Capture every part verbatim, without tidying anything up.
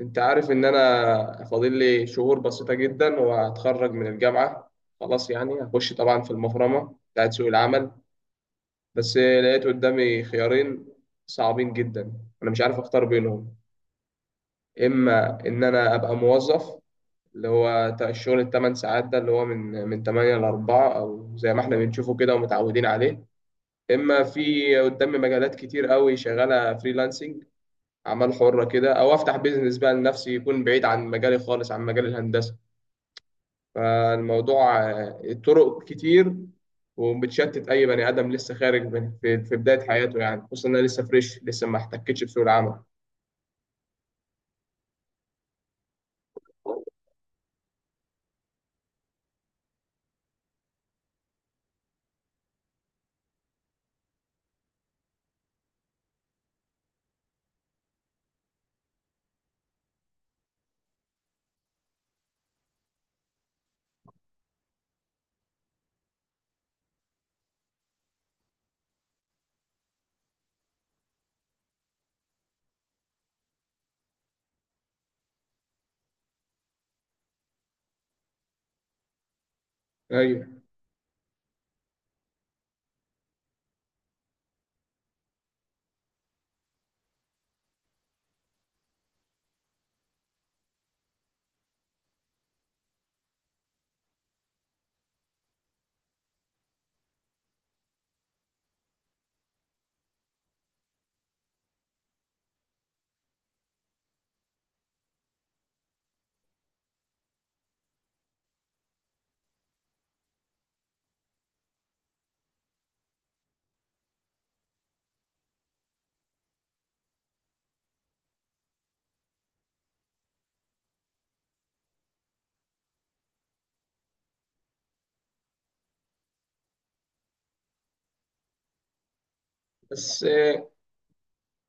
انت عارف ان انا فاضل لي شهور بسيطة جدا وهتخرج من الجامعة. خلاص يعني هخش طبعا في المفرمة بتاعت سوق العمل. بس لقيت قدامي خيارين صعبين جدا، انا مش عارف اختار بينهم. اما ان انا ابقى موظف، اللي هو تا- الشغل الثمان ساعات ده اللي هو من من تمانية ل الرابعة، او زي ما احنا بنشوفه كده ومتعودين عليه. اما في قدامي مجالات كتير قوي شغالة فريلانسنج، اعمال حرة كده، او افتح بيزنس بقى لنفسي يكون بعيد عن مجالي خالص عن مجال الهندسة. فالموضوع آه، الطرق كتير، وبتشتت اي بني ادم لسه خارج من في, في بدايه حياته يعني، خصوصا انا لسه فريش لسه ما احتكتش بسوق العمل. ايوه. بس آه،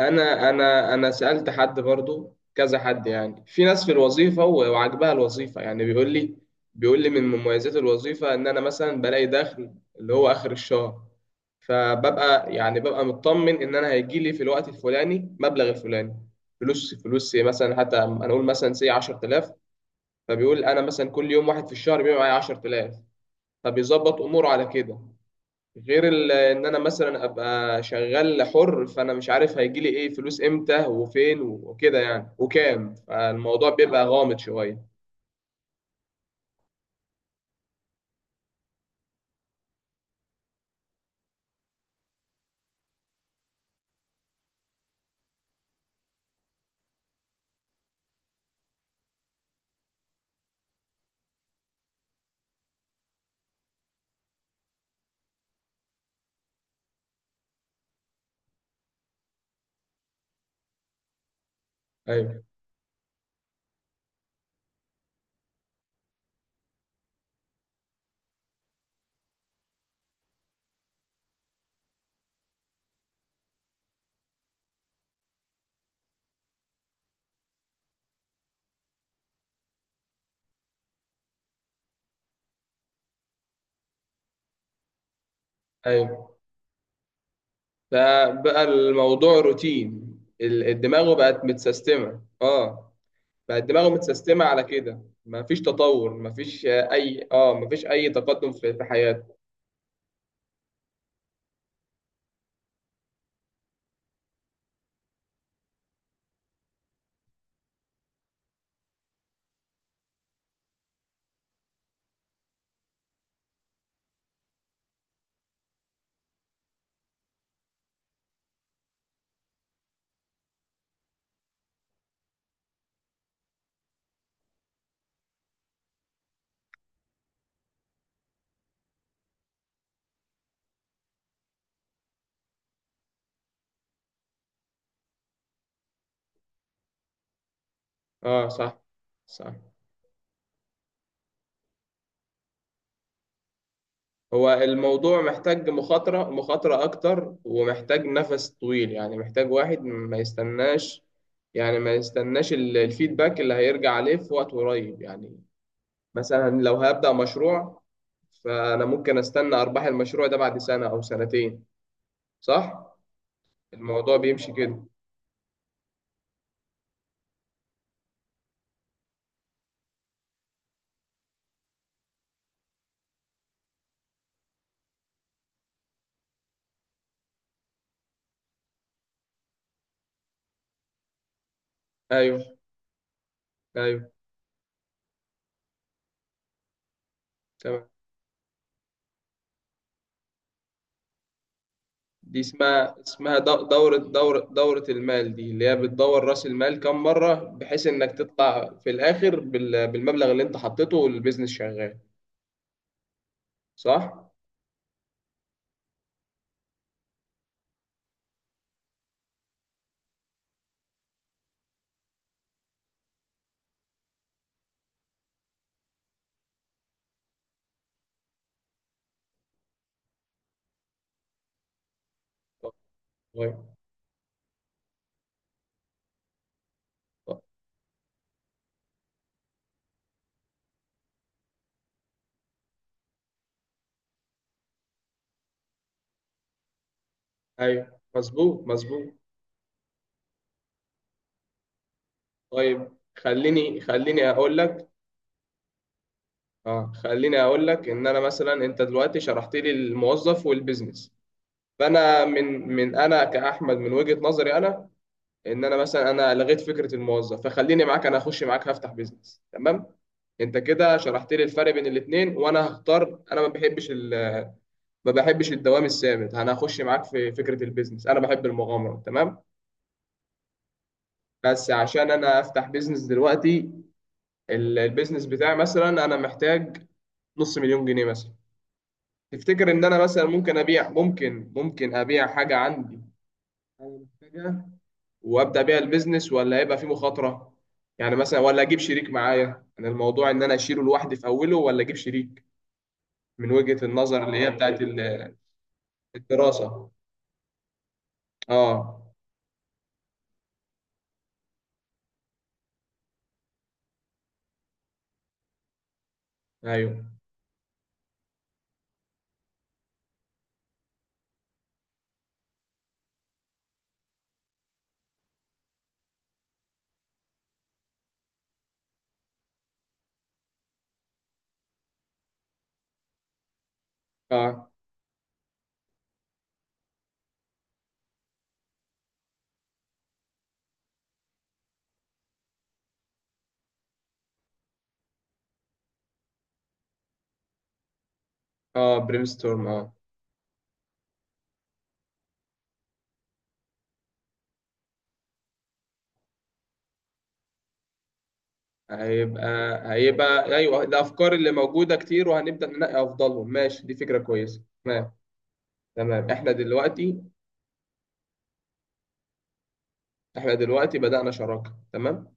انا انا انا سالت حد برضو كذا حد يعني، في ناس في الوظيفه و- وعجبها الوظيفه، يعني بيقول لي بيقول لي من مميزات الوظيفه ان انا مثلا بلاقي دخل اللي هو اخر الشهر، فببقى يعني ببقى مطمن ان انا هيجي لي في الوقت الفلاني مبلغ الفلاني. فلوس فلوس إيه مثلا، حتى انا اقول مثلا سي عشرة آلاف. فبيقول انا مثلا كل يوم واحد في الشهر بيبقى معايا عشرة آلاف، فبيظبط اموره على كده. غير ال- ان انا مثلا ابقى شغال حر، فانا مش عارف هيجي لي ايه فلوس، امتى وفين وكده يعني وكام، فالموضوع بيبقى غامض شويه. ايوه. ايوه. فبقى الموضوع روتين، ال- الدماغ بقت متسيستمه، اه. بقت دماغه متسيستمه على كده، مفيش تطور، مفيش آه، اي اه مفيش اي تقدم في في حياته. اه، صح. صح. هو الموضوع محتاج مخاطرة مخاطرة أكتر، ومحتاج نفس طويل يعني، محتاج واحد ما يستناش، يعني ما يستناش ال- الفيدباك اللي هيرجع عليه في وقت قريب يعني. مثلا لو هبدأ مشروع، فأنا ممكن أستنى أرباح المشروع ده بعد سنة أو سنتين، صح؟ الموضوع بيمشي كده. أيوه. أيوه. تمام. دي اسمها اسمها دو- دورة دورة دورة المال، دي اللي هي بتدور رأس المال كم مرة، بحيث إنك تطلع في الآخر بال- بالمبلغ اللي أنت حطيته والبيزنس شغال، صح؟ طيب. طيب. أيوه، مظبوط. مظبوط. طيب. خليني خليني أقول لك. أه، خليني أقول لك إن أنا مثلا، أنت دلوقتي شرحت لي الموظف والبيزنس، فأنا من من أنا كأحمد من وجهة نظري أنا، ان انا مثلا انا لغيت فكره الموظف، فخليني معاك، انا اخش معاك هفتح بيزنس، تمام. انت كده شرحت لي الفرق بين الاثنين وانا هختار. انا ما بحبش ال... ما بحبش الدوام الثابت، انا هخش معاك في فكره البيزنس، انا بحب المغامره، تمام. بس عشان انا افتح بيزنس دلوقتي، ال- البيزنس بتاعي مثلا انا محتاج نص مليون جنيه مثلا. تفتكر ان انا مثلا ممكن ابيع، ممكن ممكن ابيع حاجه عندي انا محتاجها، وابدا بيها البيزنس، ولا هيبقى في مخاطره؟ يعني مثلا، ولا اجيب شريك معايا؟ انا الموضوع ان انا اشيله لوحدي في اوله، ولا اجيب شريك، من وجهة النظر اللي هي بتاعت ال- الدراسة. اه. ايوه. اه، اه، برين ستورم، اه. هيبقى هيبقى ايوه، الافكار اللي موجوده كتير، وهنبدا ننقي افضلهم، ماشي، دي فكره كويسه، تمام. تمام، احنا دلوقتي احنا دلوقتي بدانا شراكه، تمام.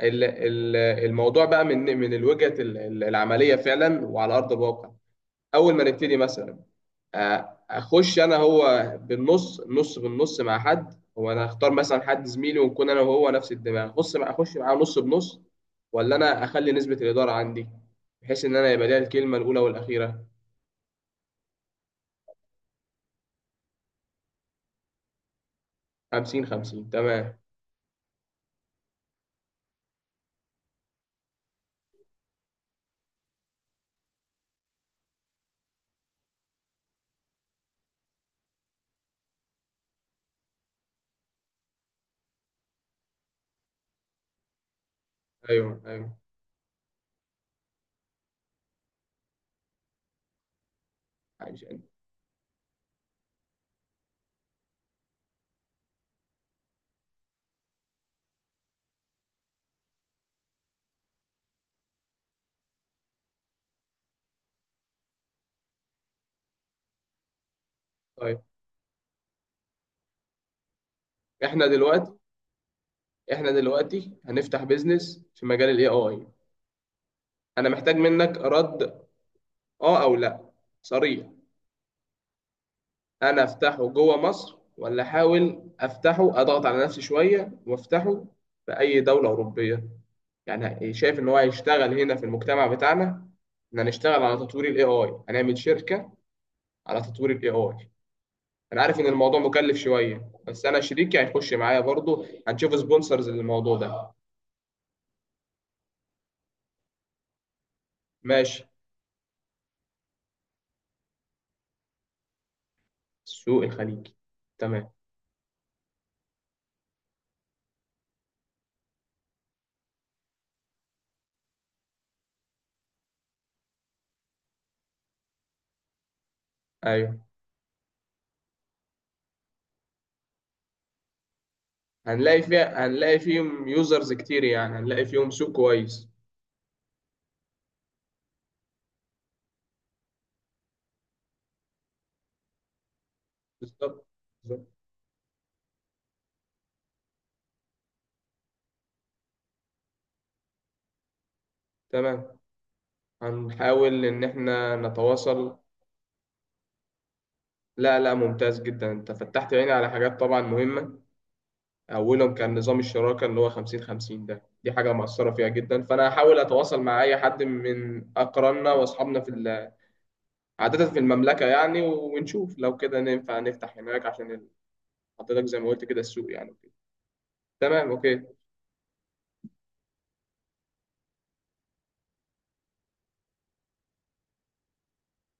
ال- ال- الموضوع بقى من من الوجهه ال- ال- العمليه فعلا، وعلى ارض الواقع. اول ما نبتدي مثلا، آه، اخش انا هو بالنص نص بالنص مع حد، هو انا اختار مثلا حد زميلي ونكون انا وهو نفس الدماغ، اخش مع اخش معاه نص بنص، ولا انا اخلي نسبة الادارة عندي بحيث ان انا يبقى ليا الكلمة الاولى والاخيرة؟ خمسين خمسين، تمام. ايوه. ايوه. عايش أنت. طيب، احنا دلوقتي احنا دلوقتي هنفتح بيزنس في مجال الاي اي، انا محتاج منك رد، اه او لا، صريح. انا افتحه جوه مصر، ولا احاول افتحه، اضغط على نفسي شويه وافتحه في اي دوله اوروبيه؟ يعني شايف ان هو هيشتغل هنا في المجتمع بتاعنا، ان هنشتغل على تطوير الاي اي، هنعمل شركه على تطوير الاي اي؟ انا عارف ان الموضوع مكلف شويه، بس انا شريكي هيخش معايا برضه، هنشوف سبونسرز للموضوع ده. ماشي. السوق الخليجي، تمام. ايوه، هنلاقي فيها هنلاقي فيهم يوزرز كتير يعني، هنلاقي فيهم سوق كويس. بالظبط. بالظبط. تمام، هنحاول إن إحنا نتواصل. لا، لا، ممتاز جدا، أنت فتحت عيني على حاجات طبعا مهمة. أولهم كان نظام الشراكة اللي هو خمسين خمسين ده، دي حاجة مؤثرة فيها جدا، فأنا هحاول أتواصل مع أي حد من أقراننا وأصحابنا في ال- عادة في المملكة يعني، ونشوف لو كده ننفع نفتح هناك عشان ال- حضرتك زي ما قلت كده السوق يعني، وكده. تمام، أوكي.